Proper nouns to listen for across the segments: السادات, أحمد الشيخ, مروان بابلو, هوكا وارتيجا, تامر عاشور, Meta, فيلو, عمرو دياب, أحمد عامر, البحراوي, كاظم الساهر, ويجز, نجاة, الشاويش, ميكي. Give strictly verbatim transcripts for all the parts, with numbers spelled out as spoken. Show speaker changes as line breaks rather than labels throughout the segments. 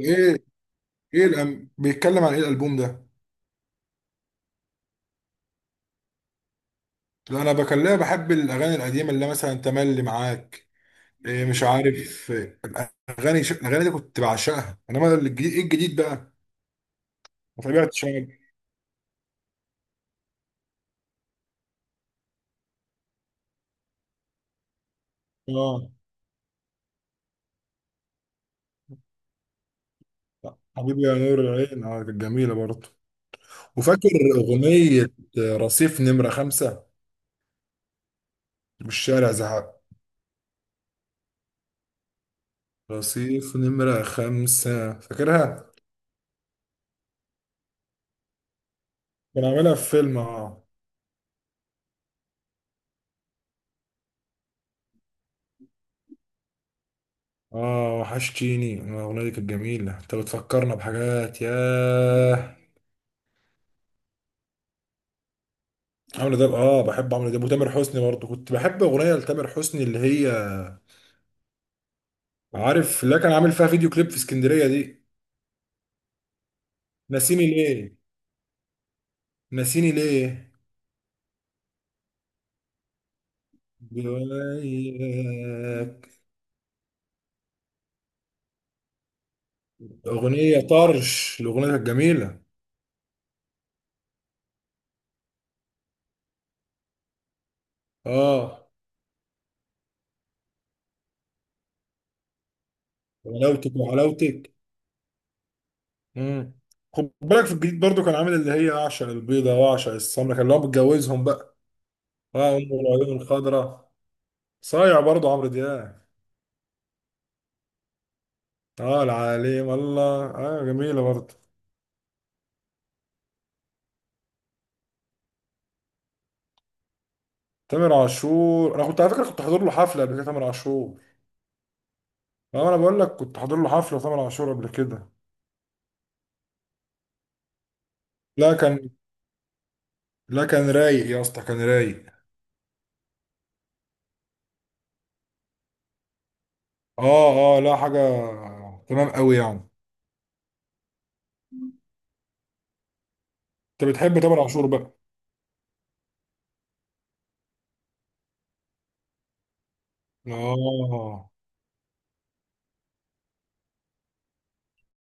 ايه. ايه الأم... بيتكلم عن ايه الالبوم ده؟ لا، انا بكلمه بحب الاغاني القديمه اللي مثلا تملي معاك. إيه مش عارف إيه. الاغاني ش... الاغاني دي كنت بعشقها، انما الجديد ايه الجديد بقى؟ ما تابعتش انا. اه. حبيبي يا نور العين، اه، كانت جميله برضه. وفاكر اغنيه رصيف نمره خمسة والشارع زهق؟ رصيف نمره خمسة، فاكرها. كان عاملها في فيلم، اه. اه وحشتيني. آه، الاغنيه دي كانت جميله، انت بتفكرنا بحاجات، ياه. عمرو دياب، اه، بحب عمرو دياب وتامر حسني برضه. كنت بحب اغنيه لتامر حسني، اللي هي، عارف اللي كان عامل فيها فيديو كليب في اسكندريه دي. ناسيني ليه، ناسيني ليه. جواياك. اغنيه طرش، الاغنيه كانت جميله. اه، وحلاوتك، وحلاوتك. مم. خد بالك في الجديد برضه، كان عامل اللي هي اعشق البيضه واعشق السمره، كان اللي هو متجوزهم بقى. اه، ام العيون الخضراء. صايع برضه عمرو دياب. اه، العليم الله، اه، جميله برضه. تامر عاشور، انا كنت على فكره كنت حاضر له حفله قبل كده، تامر عاشور. اه، انا بقول لك كنت حاضر له حفله تامر عاشور قبل كده. لا كان لا كان رايق يا اسطى، كان رايق. اه، اه، لا حاجه. تمام قوي يعني. انت بتحب تامر عاشور بقى؟ اه،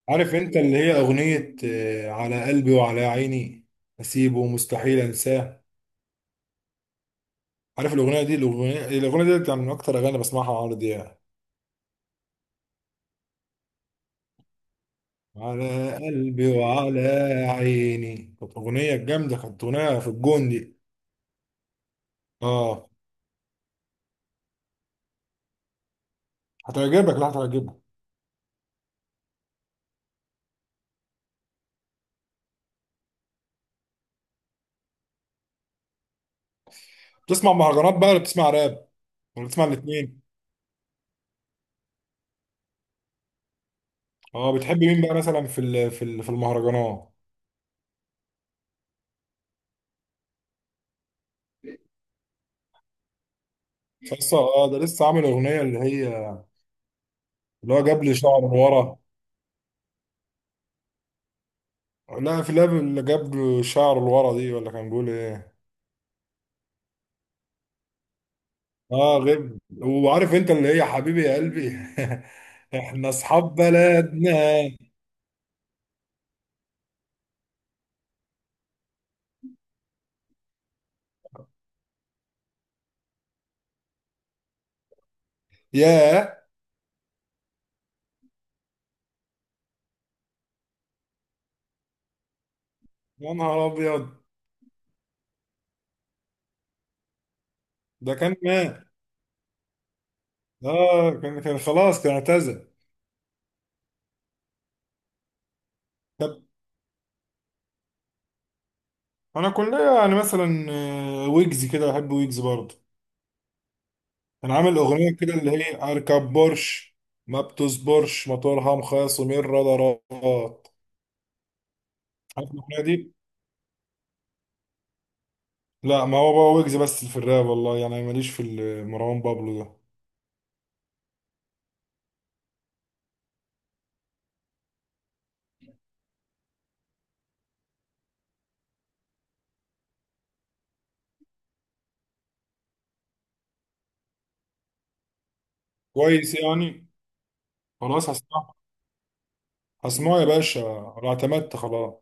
عارف انت، اللي هي اغنيه آه، على قلبي وعلى عيني، اسيبه مستحيل انساه. عارف الاغنيه دي الاغنيه الاغنيه دي كانت من اكتر اغاني بسمعها على عمرو دياب. على قلبي وعلى عيني، كانت أغنية جامدة، كانت أغنية في الجون دي. اه، هتعجبك، لا هتعجبك. بتسمع مهرجانات بقى ولا بتسمع راب؟ ولا بتسمع الاتنين؟ اه، بتحب مين بقى مثلا في ال- في ال- في المهرجانات؟ لسه، اه، ده لسه عامل أغنية اللي هي، اللي هو جاب لي شعر لورا. لا، في لاب اللي جاب له شعر لورا دي، ولا كان بيقول ايه؟ اه غير، وعارف انت اللي هي حبيبي يا قلبي. احنا اصحاب بلدنا. يا يا نهار ابيض. ده كان مات. اه، كان كان خلاص، كان اعتزل. طب انا كلنا يعني مثلا آه، ويجز كده، بحب ويجز برضه. كان عامل اغنيه كده اللي هي اركب بورش، ما بتصبرش موتورها مخاصم الرادارات. عارف الاغنيه دي؟ لا، ما هو بقى ويجز بس في الراب، والله يعني ماليش في ال- مروان بابلو ده. كويس يعني. خلاص هسمعه، هسمعه يا باشا. انا اعتمدت، خلاص.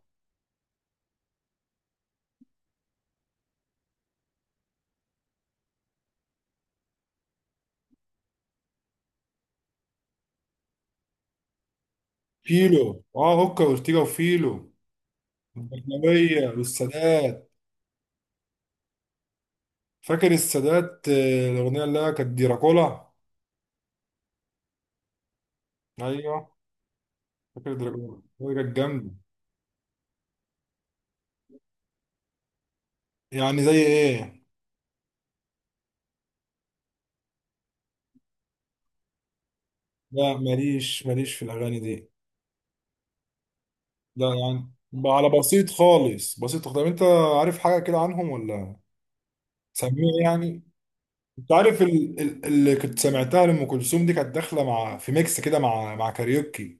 فيلو، اه، هوكا وارتيجا وفيلو، والأجنبية والسادات. فاكر السادات، آه، الأغنية اللي هي كانت ديراكولا. أيوه. فاكر ديراكولا. مم. هي كانت جامدة. يعني زي إيه؟ لا، ماليش ماليش في الأغاني دي. لا يعني ب- على بسيط خالص بسيط. طب أنت عارف حاجة كده عنهم ولا؟ سميع يعني؟ أنت عارف ال- ال- اللي كنت سمعتها لأم كلثوم دي كانت داخلة مع في ميكس كده، مع مع كاريوكي.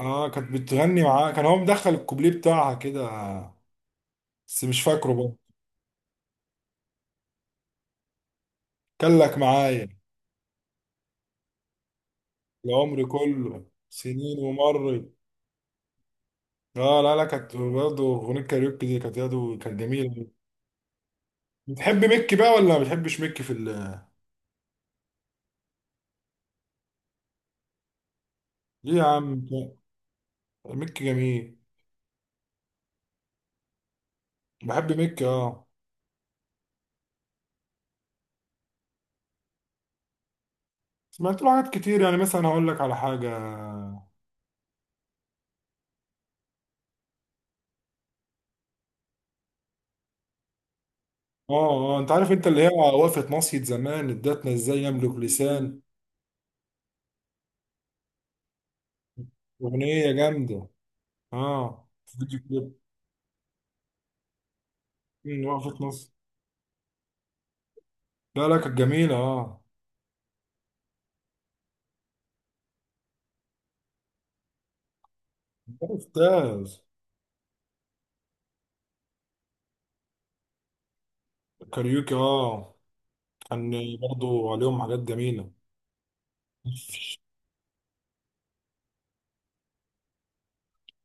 آه، كانت بتغني معاه، كان هو مدخل الكوبليه بتاعها كده، بس مش فاكره بقى. كان لك معايا، العمر كله سنين ومرت. اه، لا، لا، كانت برضه اغنيه كاريوكي دي، كانت برضه كانت جميله. بتحب ميكي بقى ولا ما بتحبش ميكي في ال ليه يا عم، ميكي جميل. بحب ميكي، اه. سمعت له حاجات كتير، يعني مثلا هقول لك على حاجه. اه، اه، انت عارف انت اللي هي وقفه مصيد زمان ادتنا ازاي يملك لسان. اغنيه جامده. اه، فيديو كليب. مم، وقفه مصيد. لا، لا، كانت جميله، اه. ده استاذ. كاريوكي، اه. كان برضه عليهم حاجات جميله.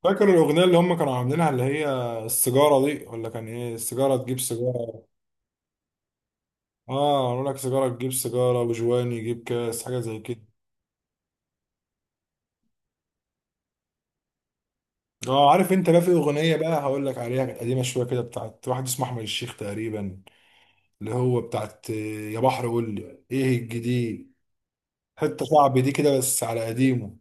فاكر الأغنية اللي هم كانوا عاملينها، اللي هي السيجارة دي، ولا كان إيه؟ السيجارة تجيب سيجارة. آه، قالوا لك سيجارة تجيب سيجارة وجواني يجيب كاس، حاجة زي كده. آه، عارف أنت بقى، في أغنية بقى هقول لك عليها كانت قديمة شوية كده، بتاعت واحد اسمه أحمد الشيخ تقريبا، اللي هو بتاعت آه، يا بحر قول لي إيه الجديد. حتة شعبي دي كده، بس على قديمه.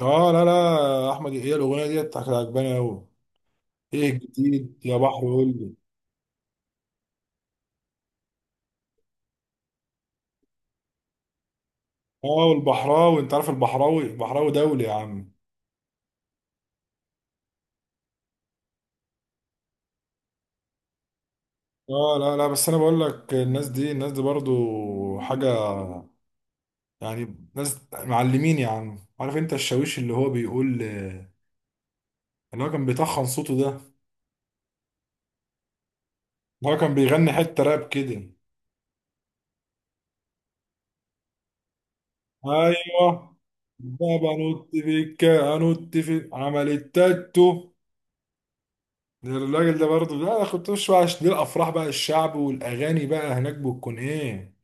آه، لا، لا، أحمد، هي الأغنية دي كانت عجباني أوي. إيه الجديد يا بحر قول لي. آه، والبحراوي، أنت عارف البحراوي؟ البحراوي دولي يا عم. اه، لا، لا، بس انا بقول لك الناس دي الناس دي برضو حاجة. يعني ناس معلمين يا عم، عارف انت الشاويش اللي هو بيقول، اللي هو كان بيطخن صوته ده، اللي هو كان بيغني حتة راب كده. ايوه. بابا نط فيك انط في عمل التاتو. ده الراجل ده برضو، لا انا كنت مش بقى عشان دي الافراح بقى الشعب والاغاني بقى هناك بتكون ايه؟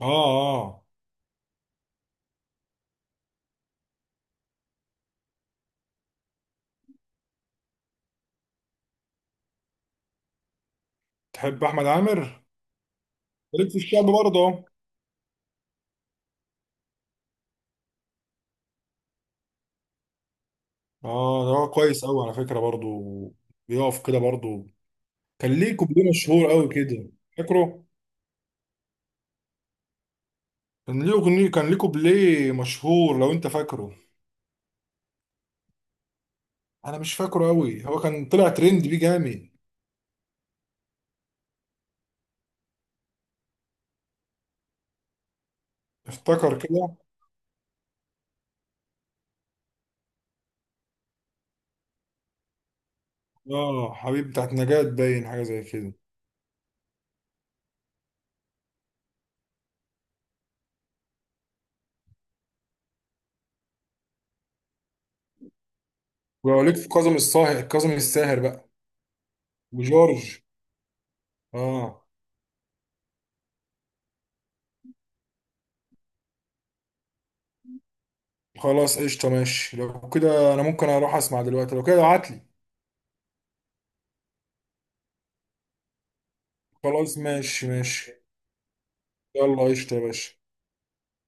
اه، اه. تحب احمد عامر؟ ليك في الشعب برضه؟ اه، ده هو كويس قوي على فكره برضو. بيقف كده برضو. كان ليه كوبليه مشهور قوي كده. فاكره؟ كان ليه اغنيه، كان ليه كوبليه مشهور لو انت فاكره. انا مش فاكره قوي، هو كان طلع ترند بيه جامد. افتكر كده. اه، حبيب بتاعت نجاة، باين حاجه زي كده. ولو ليك في كاظم الساهر، كاظم الساهر بقى. وجورج. اه. خلاص قشطه، ماشي لو كده انا ممكن اروح اسمع دلوقتي، لو كده ابعت لي. خلاص، ماشي ماشي. يلا قشطه يا باشا.